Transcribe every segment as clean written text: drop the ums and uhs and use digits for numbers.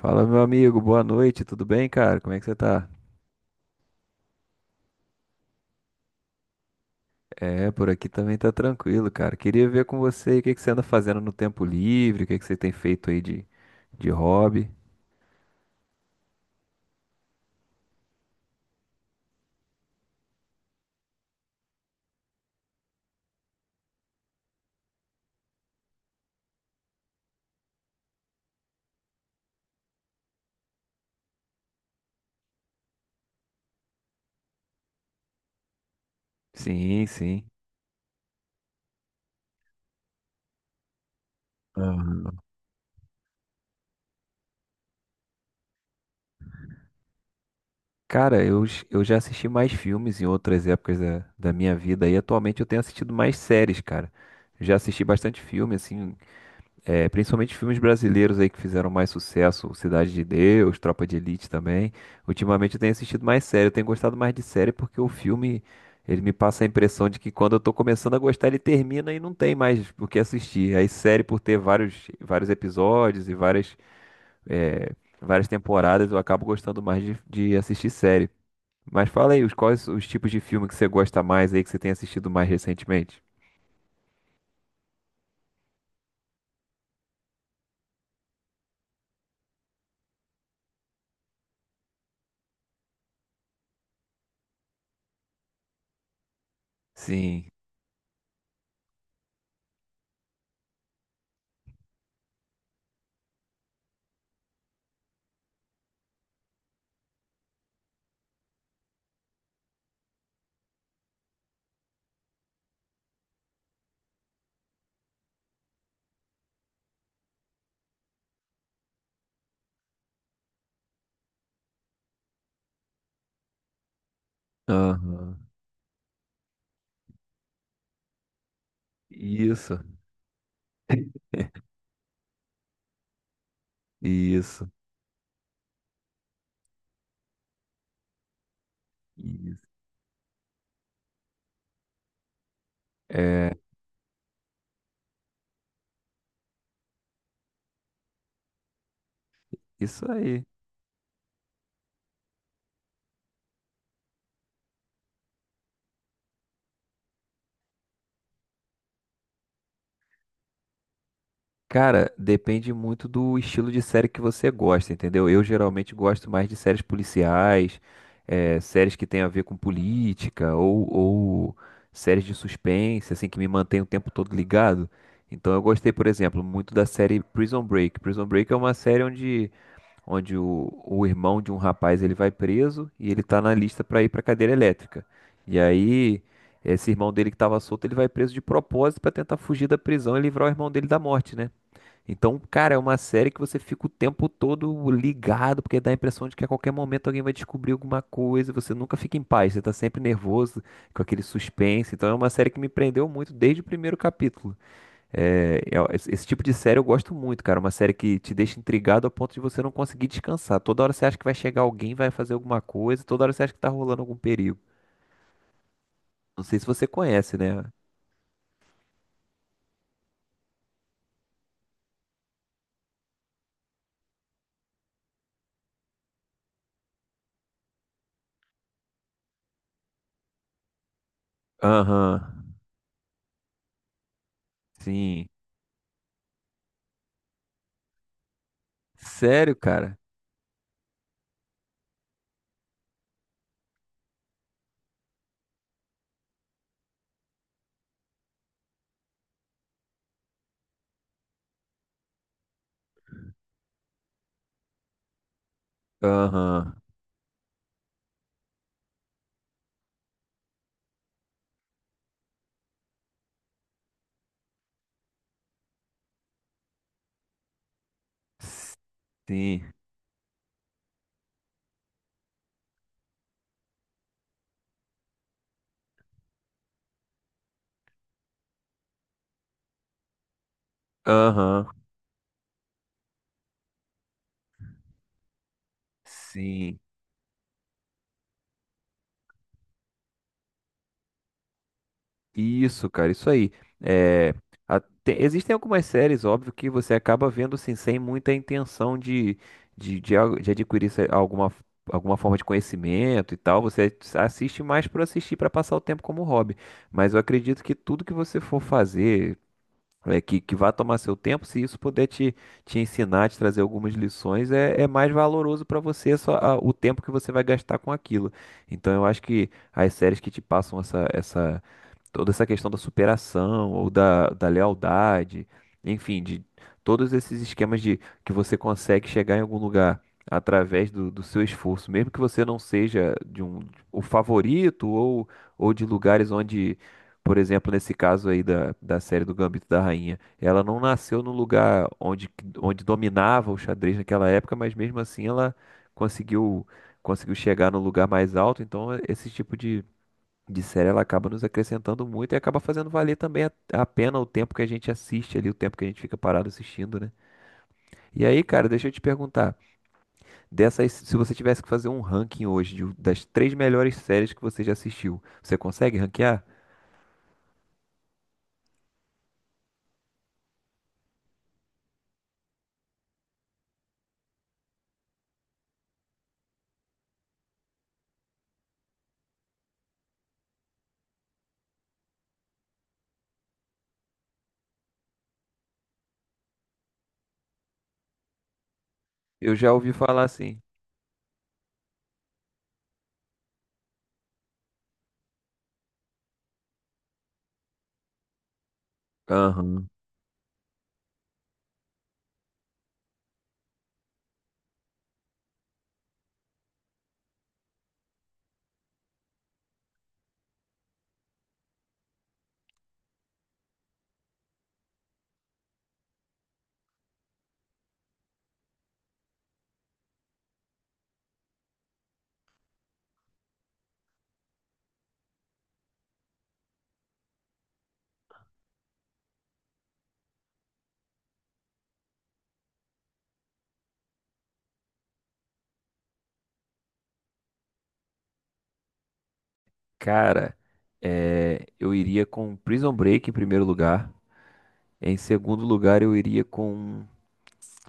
Fala, meu amigo, boa noite, tudo bem, cara? Como é que você tá? É, por aqui também tá tranquilo, cara. Queria ver com você o que que você anda fazendo no tempo livre, o que que você tem feito aí de hobby. Sim, sim. Aham. Cara, eu já assisti mais filmes em outras épocas da minha vida e atualmente eu tenho assistido mais séries, cara. Já assisti bastante filme, assim. É, principalmente filmes brasileiros aí que fizeram mais sucesso, Cidade de Deus, Tropa de Elite também. Ultimamente eu tenho assistido mais série, eu tenho gostado mais de série porque o filme, ele me passa a impressão de que quando eu tô começando a gostar, ele termina e não tem mais o que assistir. Aí série por ter vários, vários episódios e várias, é, várias temporadas, eu acabo gostando mais de assistir série. Mas fala aí, os, quais os tipos de filme que você gosta mais aí, que você tem assistido mais recentemente? Sim. Aham. Isso, isso. Isso. É, isso aí. Cara, depende muito do estilo de série que você gosta, entendeu? Eu geralmente gosto mais de séries policiais, séries que têm a ver com política, ou séries de suspense, assim, que me mantém o tempo todo ligado. Então eu gostei, por exemplo, muito da série Prison Break. Prison Break é uma série onde o irmão de um rapaz ele vai preso e ele tá na lista para ir para cadeira elétrica. E aí esse irmão dele que estava solto, ele vai preso de propósito para tentar fugir da prisão e livrar o irmão dele da morte, né? Então, cara, é uma série que você fica o tempo todo ligado, porque dá a impressão de que a qualquer momento alguém vai descobrir alguma coisa, você nunca fica em paz, você tá sempre nervoso, com aquele suspense. Então, é uma série que me prendeu muito desde o primeiro capítulo. Esse tipo de série eu gosto muito, cara. Uma série que te deixa intrigado a ponto de você não conseguir descansar. Toda hora você acha que vai chegar alguém, vai fazer alguma coisa, toda hora você acha que tá rolando algum perigo. Não sei se você conhece, né? Aham, sim. Sério, cara? Aham, sim. Aham, sim. Isso, cara, isso aí. É, a- te- existem algumas séries, óbvio, que você acaba vendo assim, sem muita intenção de adquirir alguma, alguma forma de conhecimento e tal. Você assiste mais por assistir, para passar o tempo como hobby. Mas eu acredito que tudo que você for fazer, que vá tomar seu tempo, se isso puder te ensinar, te trazer algumas lições, é mais valoroso para você é só, o tempo que você vai gastar com aquilo. Então eu acho que as séries que te passam essa toda essa questão da superação ou da lealdade, enfim, de todos esses esquemas de que você consegue chegar em algum lugar através do seu esforço, mesmo que você não seja de um o favorito ou de lugares onde, por exemplo, nesse caso aí da série do Gambito da Rainha, ela não nasceu no lugar onde, onde dominava o xadrez naquela época, mas mesmo assim ela conseguiu conseguiu chegar no lugar mais alto, então esse tipo de série ela acaba nos acrescentando muito e acaba fazendo valer também a pena o tempo que a gente assiste ali, o tempo que a gente fica parado assistindo, né? E aí, cara, deixa eu te perguntar, dessas, se você tivesse que fazer um ranking hoje de- das três melhores séries que você já assistiu, você consegue ranquear? Eu já ouvi falar assim. Aham. Cara, eu iria com Prison Break em primeiro lugar. Em segundo lugar, eu iria com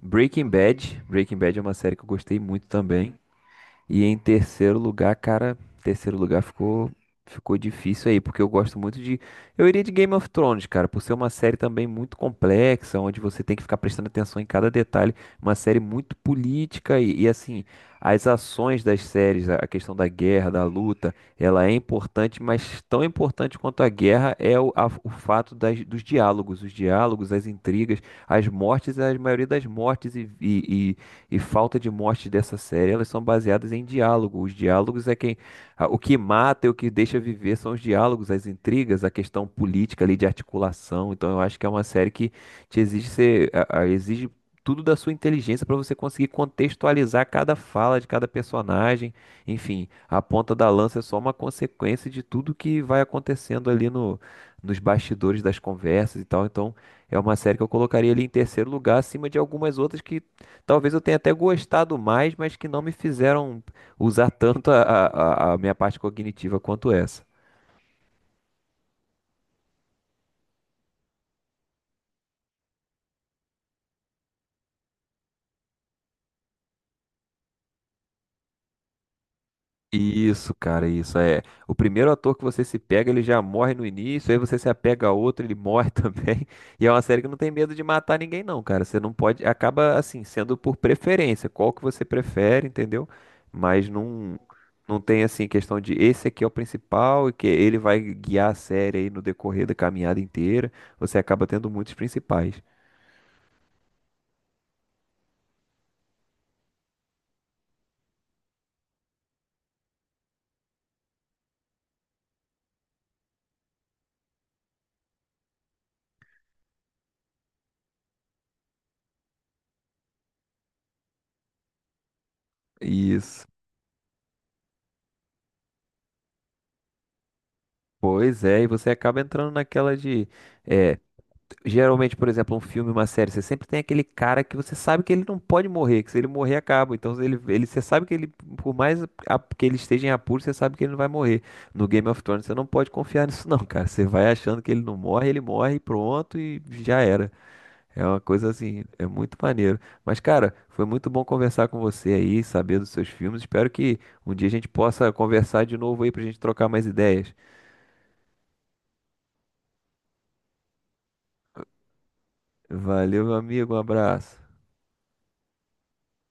Breaking Bad. Breaking Bad é uma série que eu gostei muito também. E em terceiro lugar, cara, terceiro lugar ficou difícil aí, porque eu gosto muito de eu iria de Game of Thrones, cara, por ser uma série também muito complexa, onde você tem que ficar prestando atenção em cada detalhe, uma série muito política assim, as ações das séries, a questão da guerra, da luta, ela é importante, mas tão importante quanto a guerra é o, o fato das, dos diálogos, os diálogos, as intrigas, as mortes, a maioria das mortes e falta de morte dessa série, elas são baseadas em diálogo. Os diálogos é quem, o que mata e o que deixa viver são os diálogos, as intrigas, a questão política ali de articulação. Então eu acho que é uma série que te exige ser, a- exige tudo da sua inteligência para você conseguir contextualizar cada fala de cada personagem. Enfim, a ponta da lança é só uma consequência de tudo que vai acontecendo ali no, nos bastidores das conversas e tal. Então, é uma série que eu colocaria ali em terceiro lugar, acima de algumas outras que talvez eu tenha até gostado mais, mas que não me fizeram usar tanto a minha parte cognitiva quanto essa. Isso, cara, isso é. O primeiro ator que você se pega, ele já morre no início, aí você se apega a outro, ele morre também. E é uma série que não tem medo de matar ninguém, não, cara. Você não pode. Acaba, assim, sendo por preferência, qual que você prefere, entendeu? Mas não, não tem, assim, questão de esse aqui é o principal e que ele vai guiar a série aí no decorrer da caminhada inteira. Você acaba tendo muitos principais. Isso. Pois é, e você acaba entrando naquela de. É, geralmente, por exemplo, um filme, uma série, você sempre tem aquele cara que você sabe que ele não pode morrer, que se ele morrer, acaba. Então, você sabe que ele, por mais que ele esteja em apuros, você sabe que ele não vai morrer. No Game of Thrones, você não pode confiar nisso, não, cara. Você vai achando que ele não morre, ele morre e pronto, e já era. É uma coisa assim, é muito maneiro. Mas, cara, foi muito bom conversar com você aí, saber dos seus filmes. Espero que um dia a gente possa conversar de novo aí pra gente trocar mais ideias. Valeu, meu amigo. Um abraço.